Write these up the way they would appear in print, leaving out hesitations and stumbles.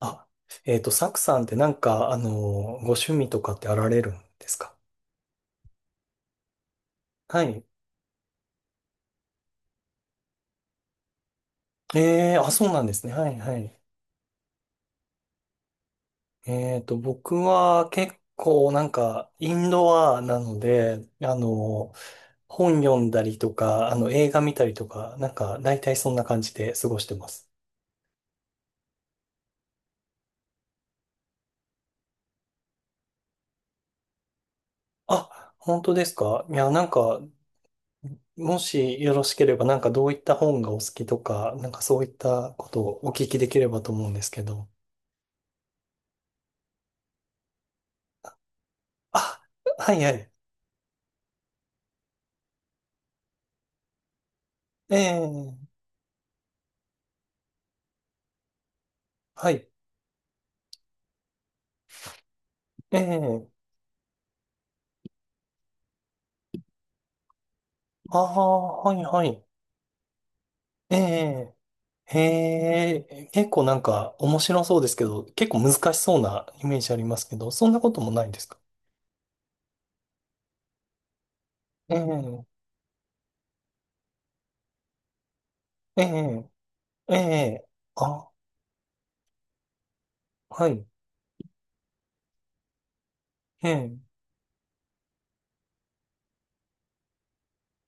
あ、サクさんってなんか、ご趣味とかってあられるんですか？はい。ええ、あ、そうなんですね。はいはい。僕は結構なんか、インドアなので、本読んだりとか、映画見たりとか、なんか、大体そんな感じで過ごしてます。あ、本当ですか？いや、なんか、もしよろしければ、なんかどういった本がお好きとか、なんかそういったことをお聞きできればと思うんですけど。あ、はいはい。ええ。はい。ええ。ああ、はいはい。ええ。へえ。結構なんか面白そうですけど、結構難しそうなイメージありますけど、そんなこともないんですか？ええ。ええ。ええ。あ、はい。ええ。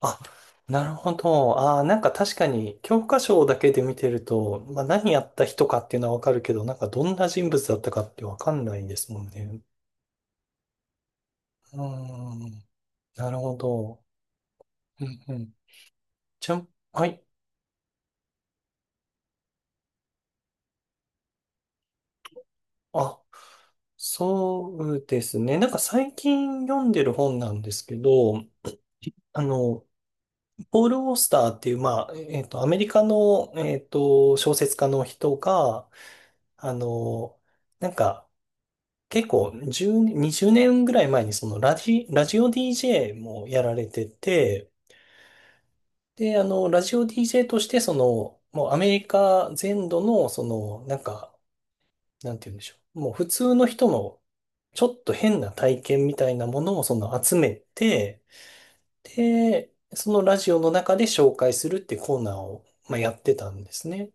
あ、なるほど。ああ、なんか確かに教科書だけで見てると、まあ何やった人かっていうのはわかるけど、なんかどんな人物だったかってわかんないですもんね。うーん。なるほど。うんうん。ちゃん、はい。あ、そうですね。なんか最近読んでる本なんですけど、あの、ポール・オースターっていう、まあ、アメリカの、小説家の人が、あの、なんか、結構10、20年ぐらい前にそのラジオ DJ もやられてて、で、ラジオ DJ としてその、もうアメリカ全土の、その、なんか、なんて言うんでしょう。もう普通の人のちょっと変な体験みたいなものをその集めて、で、そのラジオの中で紹介するってコーナーを、まあ、やってたんですね。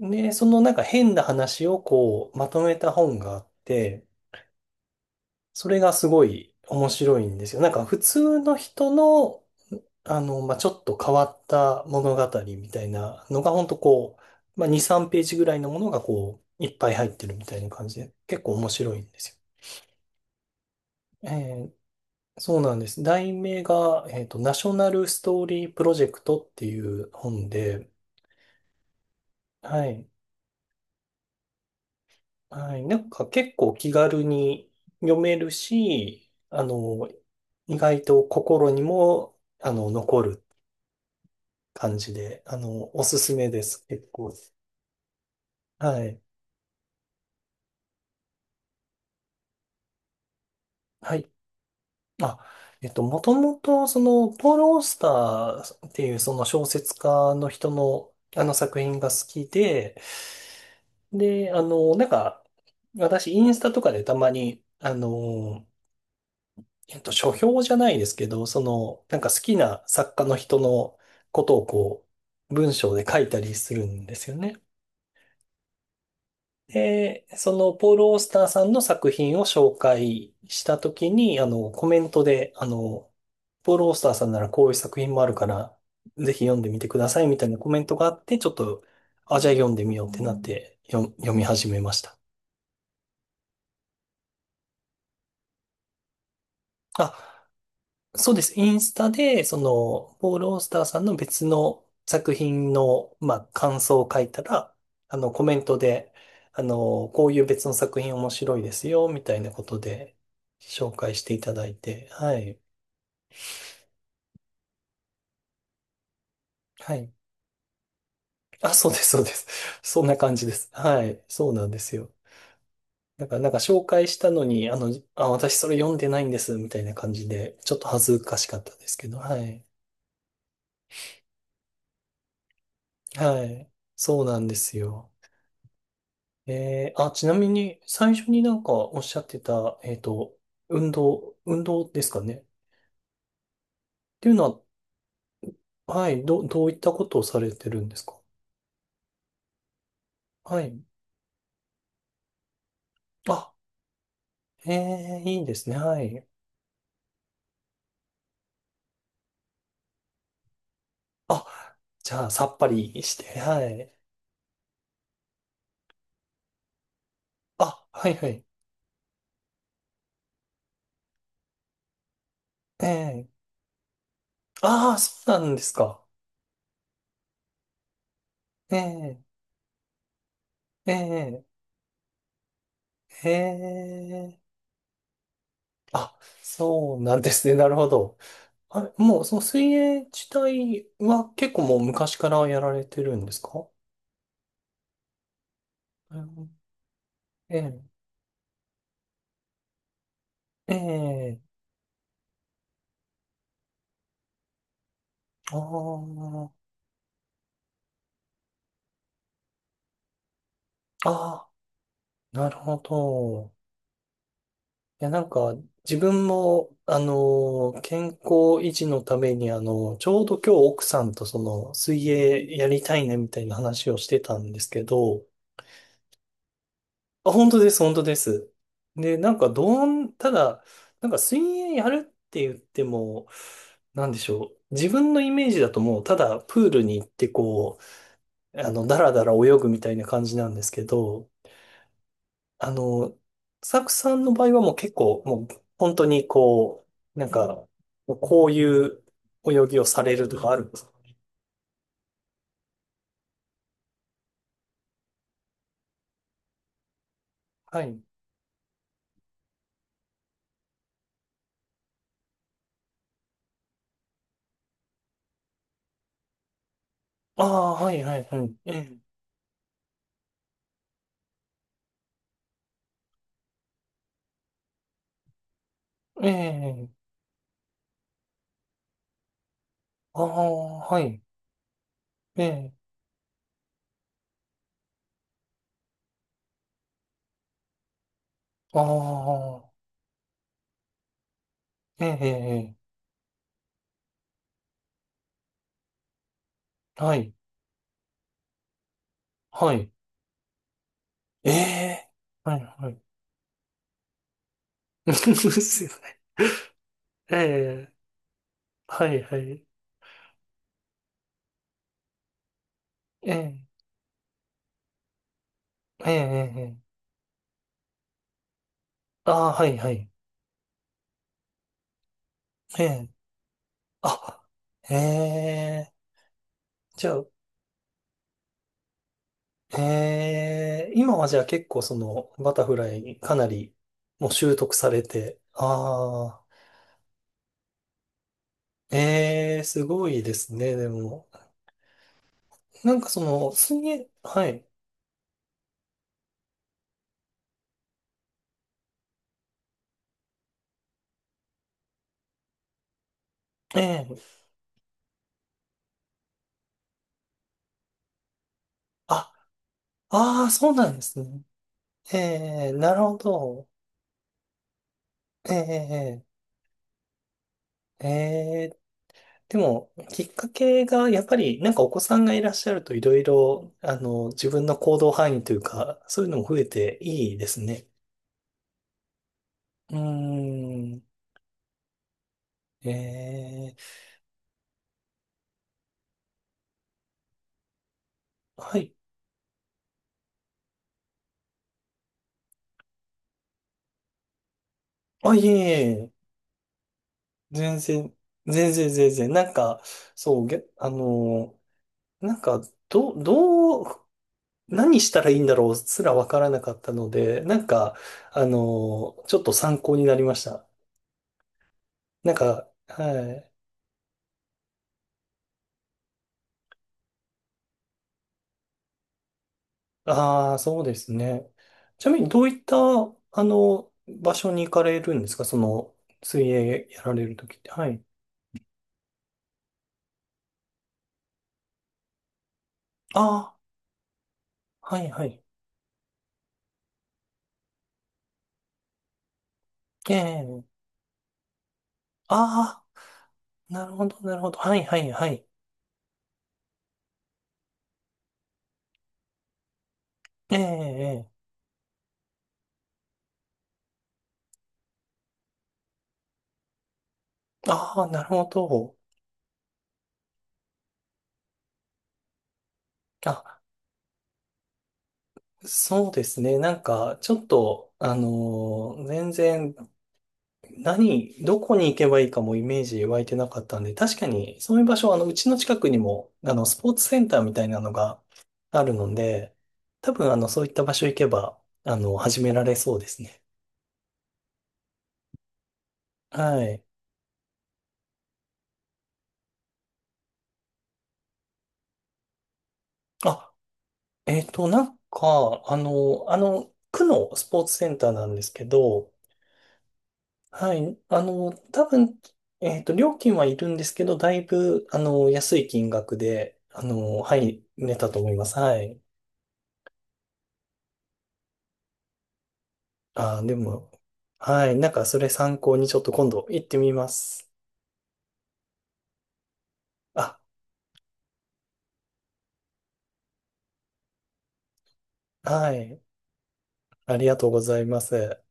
で、そのなんか変な話をこうまとめた本があって、それがすごい面白いんですよ。なんか普通の人の、まあ、ちょっと変わった物語みたいなのが本当こう、まあ、2、3ページぐらいのものがこう、いっぱい入ってるみたいな感じで、結構面白いんですよ。そうなんです。題名が、ナショナルストーリープロジェクトっていう本で、はい。はい。なんか結構気軽に読めるし、意外と心にも、残る感じで、おすすめです。結構。はい。はい。あ、もともと、その、ポール・オースターっていうその小説家の人の、あの作品が好きで、で、なんか、私、インスタとかでたまに、書評じゃないですけど、その、なんか好きな作家の人のことをこう、文章で書いたりするんですよね。で、その、ポール・オースターさんの作品を紹介したときに、コメントで、ポール・オースターさんならこういう作品もあるから、ぜひ読んでみてくださいみたいなコメントがあって、ちょっと、あ、じゃあ読んでみようってなって、読み始めました。あ、そうです。インスタで、その、ポール・オースターさんの別の作品の、まあ、感想を書いたら、コメントで、こういう別の作品面白いですよ、みたいなことで、紹介していただいて、はい。はい。あ、そうです、そうです。そんな感じです。はい。そうなんですよ。だから、なんか紹介したのに、あ、私それ読んでないんです、みたいな感じで、ちょっと恥ずかしかったですけど、はい。はい。そうなんですよ。あ、ちなみに、最初になんかおっしゃってた、運動、運動ですかね？っていうのは、はい、どういったことをされてるんですか？はい。あ、いいですね。はい。あ、じゃあ、さっぱりして、はい。あ、はいはい。ええ。ああ、そうなんですか？ええ。ええ。ええ。あ、そうなんですね。なるほど。あれ、もう、その水泳自体は結構もう昔からやられてるんですか？うん。ええ、ええ、ああ。ああ、なるほど。いや、なんか、自分も、健康維持のために、ちょうど今日奥さんとその、水泳やりたいね、みたいな話をしてたんですけど、あ、本当です、本当です。で、なんか、ただ、なんか、水泳やるって言っても、なんでしょう。自分のイメージだともう、ただ、プールに行って、こう、だらだら泳ぐみたいな感じなんですけど、あの、サクさんの場合はもう結構、もう本当にこう、なんか、もうこういう泳ぎをされるとかあるんですか？はい。ああ、はい、はい、はい。ええ、ええ、ああ、はい。ええ、ああ、ええ、ええ、はい、はい。ええ、はい、はい。ですよね。ええ、はい、はい。ええ、ええ、ええ、ああ、はい、はい。ええ、あ、ええ、じゃあ、ええ、今はじゃあ結構そのバタフライかなりもう習得されて、ああ、ええ、すごいですね、でも。なんかその、水泳、はい、ええ、あ、ああ、そうなんですね。ええ、なるほど。ええ、ええ、ええ。でも、きっかけがやっぱりなんかお子さんがいらっしゃるといろいろ、自分の行動範囲というか、そういうのも増えていいですね。うーん、ええ、はい。あ、いえいえ、全然、全然全然。なんか、そう、なんか、ど、どう、何したらいいんだろうすらわからなかったので、なんか、ちょっと参考になりました。なんか、はい。ああ、そうですね。ちなみに、どういった、場所に行かれるんですか？その、水泳やられるときって。はい。ああ、はい、はい。ええ、ああ、なるほど、なるほど。はい、はい、はい。ええ、ええ。ああ、なるほど。あ、そうですね。なんか、ちょっと、全然、どこに行けばいいかもイメージ湧いてなかったんで、確かに、そういう場所、うちの近くにも、スポーツセンターみたいなのがあるので、多分、そういった場所行けば、始められそうですね。はい。あ、なんか、区のスポーツセンターなんですけど、はい。多分、料金はいるんですけど、だいぶ、安い金額で、はい、寝たと思います。はい。でも、はい。なんか、それ参考にちょっと今度行ってみます。あ、はい。ありがとうございます。